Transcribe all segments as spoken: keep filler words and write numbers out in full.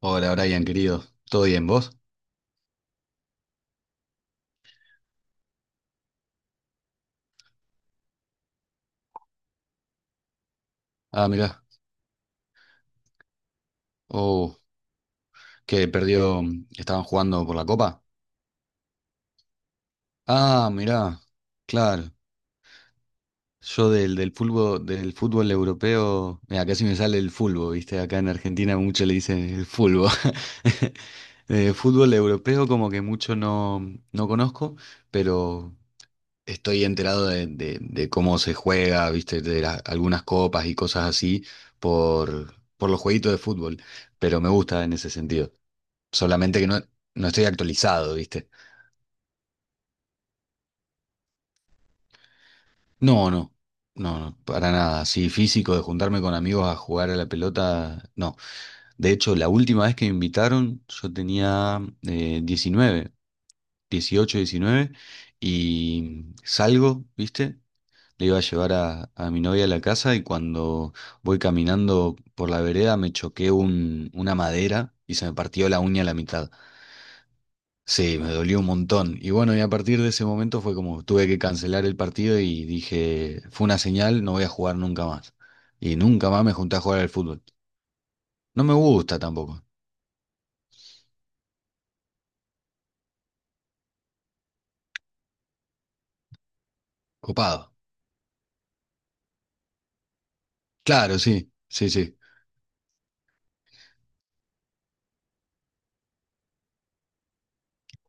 Hola Brian, querido. ¿Todo bien, vos? Ah, mirá. Oh, que perdió. Estaban jugando por la copa. Ah, mirá. Claro. Yo del, del fútbol, del fútbol europeo. Mira, casi me sale el fútbol, ¿viste? Acá en Argentina mucho le dicen el fútbol. Eh, fútbol europeo, como que mucho no, no conozco, pero estoy enterado de, de- de cómo se juega, ¿viste? De la- algunas copas y cosas así por, por los jueguitos de fútbol. Pero me gusta en ese sentido. Solamente que no, no estoy actualizado, ¿viste? No, no, no, no, para nada. Así físico de juntarme con amigos a jugar a la pelota, no. De hecho, la última vez que me invitaron, yo tenía eh, diecinueve, dieciocho, diecinueve, y salgo, ¿viste? Le iba a llevar a, a mi novia a la casa y cuando voy caminando por la vereda me choqué un, una madera y se me partió la uña a la mitad. Sí, me dolió un montón. Y bueno, y a partir de ese momento fue como tuve que cancelar el partido y dije, fue una señal, no voy a jugar nunca más. Y nunca más me junté a jugar al fútbol. No me gusta tampoco. Copado. Claro, sí, sí, sí.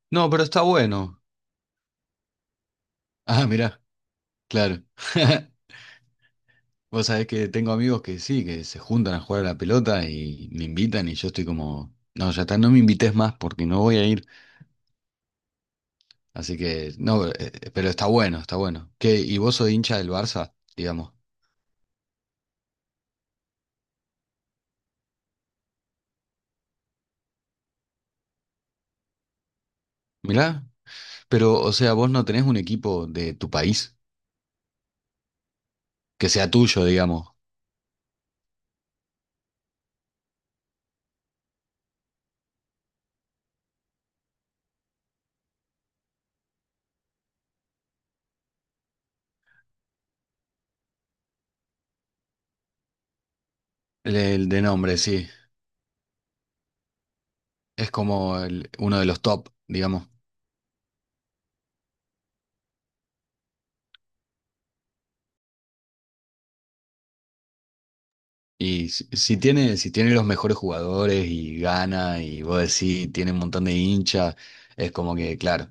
No, pero está bueno. Ah, mirá, claro. Vos sabés que tengo amigos que sí, que se juntan a jugar a la pelota y me invitan y yo estoy como, no, ya está, no me invites más porque no voy a ir. Así que, no, eh, pero está bueno, está bueno. ¿Qué? ¿Y vos sos hincha del Barça, digamos? Mirá, pero o sea, vos no tenés un equipo de tu país que sea tuyo, digamos. El, el de nombre, sí. Es como el- uno de los top, digamos. Y si, si tiene, si tiene los mejores jugadores y gana y vos decís, tiene un montón de hinchas, es como que, claro,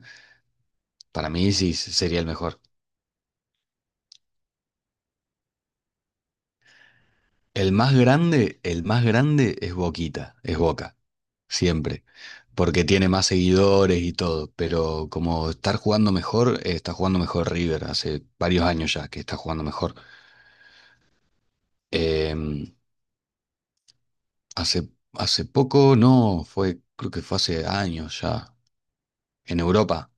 para mí sí sería el mejor. El más grande, el más grande es Boquita, es Boca, siempre, porque tiene más seguidores y todo, pero como estar jugando mejor, eh, está jugando mejor River, hace varios años ya que está jugando mejor. Em, hace, hace poco, no, fue, creo que fue hace años ya, en Europa.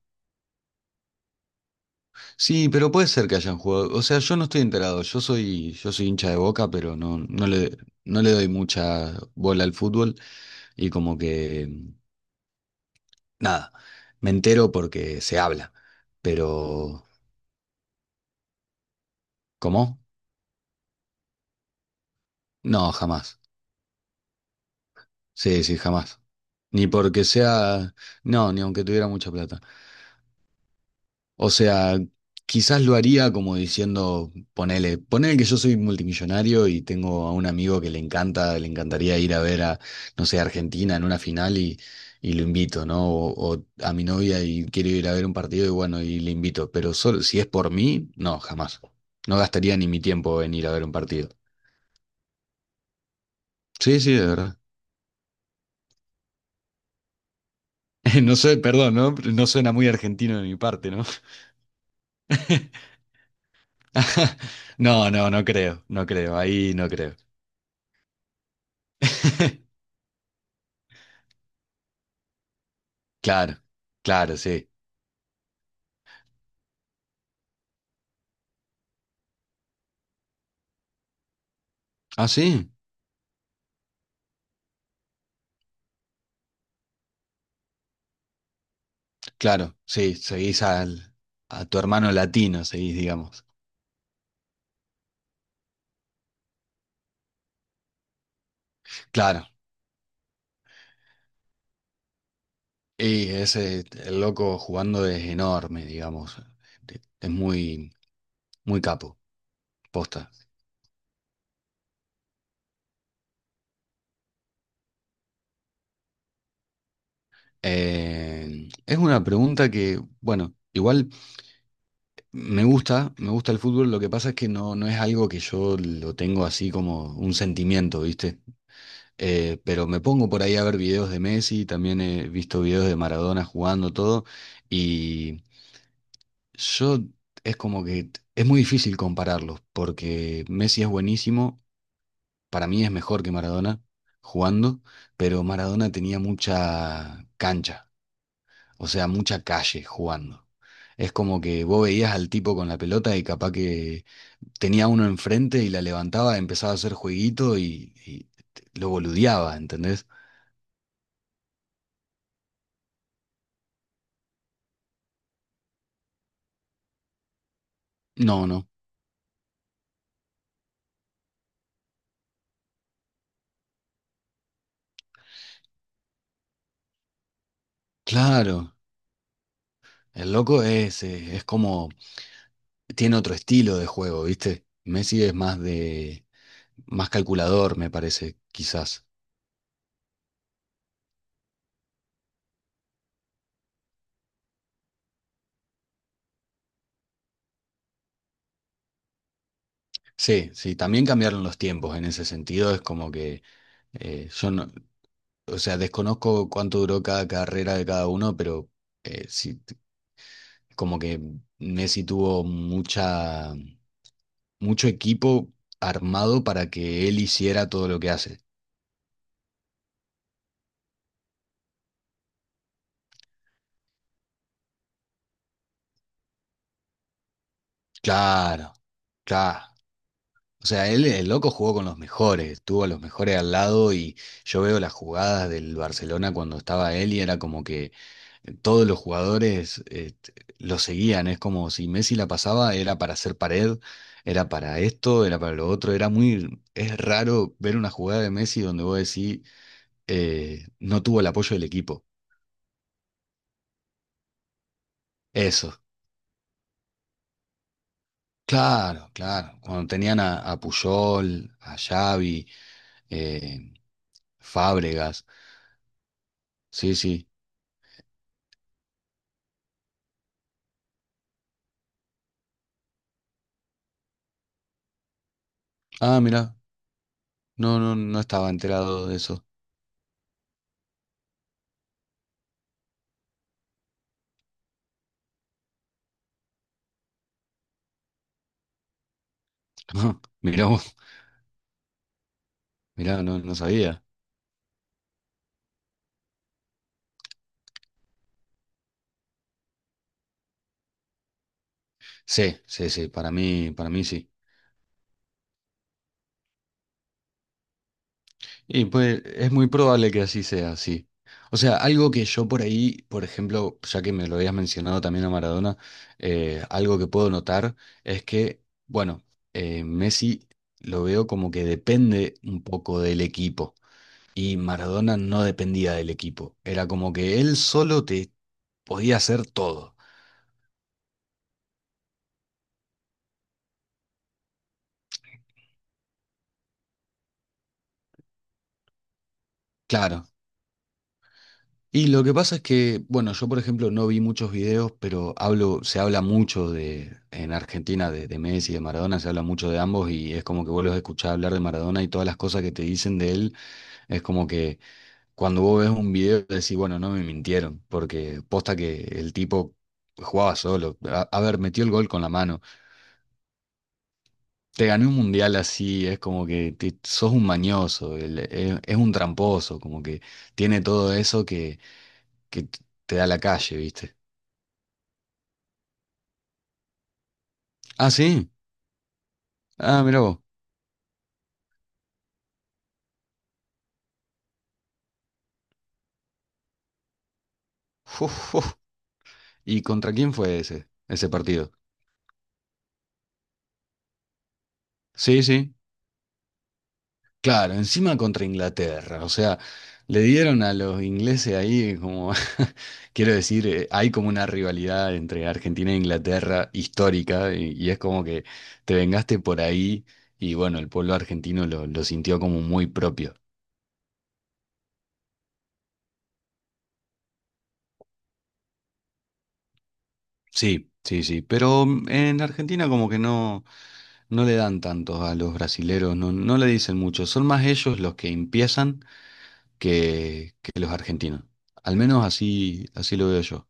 Sí, pero puede ser que hayan jugado, o sea, yo no estoy enterado, yo soy, yo soy hincha de Boca, pero no, no le, no le doy mucha bola al fútbol y como que, nada, me entero porque se habla, pero ¿cómo? No, jamás. Sí, sí, jamás. Ni porque sea, no, ni aunque tuviera mucha plata. O sea, quizás lo haría como diciendo, ponele, ponele que yo soy multimillonario y tengo a un amigo que le encanta, le encantaría ir a ver a, no sé, Argentina en una final y, y lo invito, ¿no? O, o a mi novia y quiero ir a ver un partido y bueno, y le invito. Pero solo, si es por mí, no, jamás. No gastaría ni mi tiempo en ir a ver un partido. Sí, sí, de verdad. No sé, perdón, ¿no? No suena muy argentino de mi parte, ¿no? No, no, no creo, no creo, ahí no creo. Claro, claro, sí. Ah, sí, claro, sí, seguís al, a tu hermano latino, seguís, digamos. Claro, y ese, el loco jugando es enorme, digamos. Es muy, muy capo, posta. Eh, es una pregunta que, bueno, igual. Me gusta, me gusta el fútbol, lo que pasa es que no, no es algo que yo lo tengo así como un sentimiento, ¿viste? Eh, pero me pongo por ahí a ver videos de Messi, también he visto videos de Maradona jugando todo, y yo es como que t- es muy difícil compararlos, porque Messi es buenísimo, para mí es mejor que Maradona jugando, pero Maradona tenía mucha cancha, o sea, mucha calle jugando. Es como que vos veías al tipo con la pelota y capaz que tenía uno enfrente y la levantaba, empezaba a hacer jueguito y, y te- lo boludeaba, ¿entendés? No, no. Claro, el loco es, eh, es como, tiene otro estilo de juego, ¿viste? Messi es más de, más calculador, me parece, quizás. Sí, sí, también cambiaron los tiempos en ese sentido, es como que eh, yo no, o sea, desconozco cuánto duró cada carrera de cada uno, pero eh, sí, t- como que Messi tuvo mucha mucho equipo armado para que él hiciera todo lo que hace. Claro, claro. O sea, él, el loco jugó con los mejores, tuvo a los mejores al lado y yo veo las jugadas del Barcelona cuando estaba él y era como que eh, todos los jugadores eh, t- lo seguían. Es como si Messi la pasaba, era para hacer pared, era para esto, era para lo otro. Era muy, es raro ver una jugada de Messi donde vos decís, eh, no tuvo el apoyo del equipo. Eso, claro, claro. Cuando tenían a, a Puyol, a Xavi, eh, Fábregas. Sí, sí. Ah, mirá. No, no, no estaba enterado de eso. Mirá, vos, mirá, no, no sabía. Sí, sí, sí, para mí, para mí sí. Y pues es muy probable que así sea, sí. O sea, algo que yo por ahí, por ejemplo, ya que me lo habías mencionado también a Maradona, eh, algo que puedo notar es que, bueno, eh, Messi lo veo como que depende un poco del equipo. Y Maradona no dependía del equipo. Era como que él solo te podía hacer todo. Claro. Y lo que pasa es que, bueno, yo por ejemplo no vi muchos videos, pero hablo, se habla mucho de, en Argentina de, de Messi, de Maradona, se habla mucho de ambos y es como que vos los escuchás hablar de Maradona y todas las cosas que te dicen de él, es como que cuando vos ves un video decís, bueno, no me mintieron, porque posta que el tipo jugaba solo. a a ver, metió el gol con la mano. Te gané un mundial así, es como que te- sos un mañoso, el- es, es un tramposo, como que tiene todo eso que, que t- te da la calle, ¿viste? Ah, sí, ah, mirá vos. Uf, uf. ¿Y contra quién fue ese, ese partido? Sí, sí. Claro, encima contra Inglaterra, o sea, le dieron a los ingleses ahí como, quiero decir, eh, hay como una rivalidad entre Argentina e Inglaterra histórica y, y es como que te vengaste por ahí y bueno, el pueblo argentino lo, lo sintió como muy propio. Sí, sí, sí, pero mm, en Argentina como que no, no, le dan tanto a los brasileros, no, no le dicen mucho, son más ellos los que empiezan que, que los argentinos, al menos así, así lo veo yo.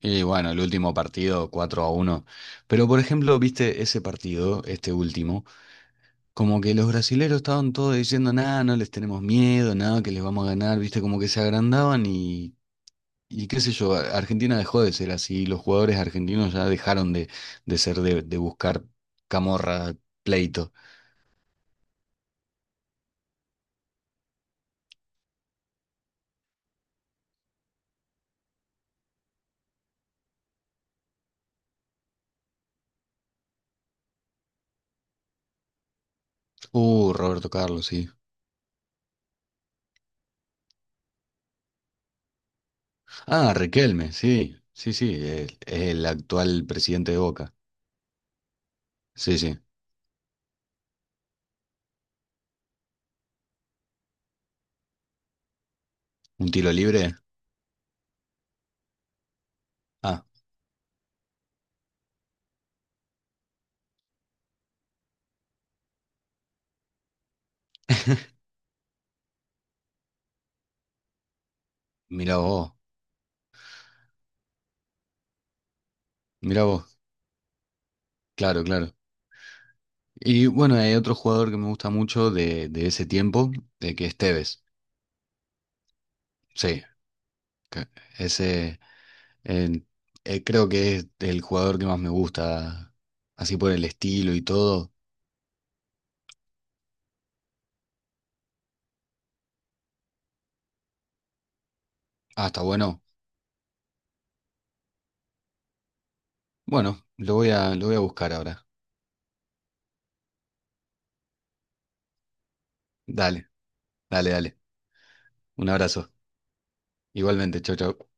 Y bueno, el último partido cuatro a uno. Pero por ejemplo, viste ese partido, este último, como que los brasileros estaban todos diciendo, nada, no les tenemos miedo, nada, que les vamos a ganar, viste, como que se agrandaban y, y qué sé yo, a- Argentina dejó de ser así, los jugadores argentinos ya dejaron de, de ser de, de buscar camorra, pleito. Uh, Roberto Carlos, sí. Ah, Riquelme, sí, sí, sí, el- el actual presidente de Boca. Sí, sí. ¿Un tiro libre? Ah, mira vos. Mirá vos, claro, claro. Y bueno, hay otro jugador que me gusta mucho de, de ese tiempo, de que es Tevez. Sí, que- ese eh, eh, creo que es el jugador que más me gusta, así por el estilo y todo. Ah, está bueno. Bueno, lo voy a, lo voy a buscar ahora. Dale, dale, dale. Un abrazo. Igualmente, chau, chau.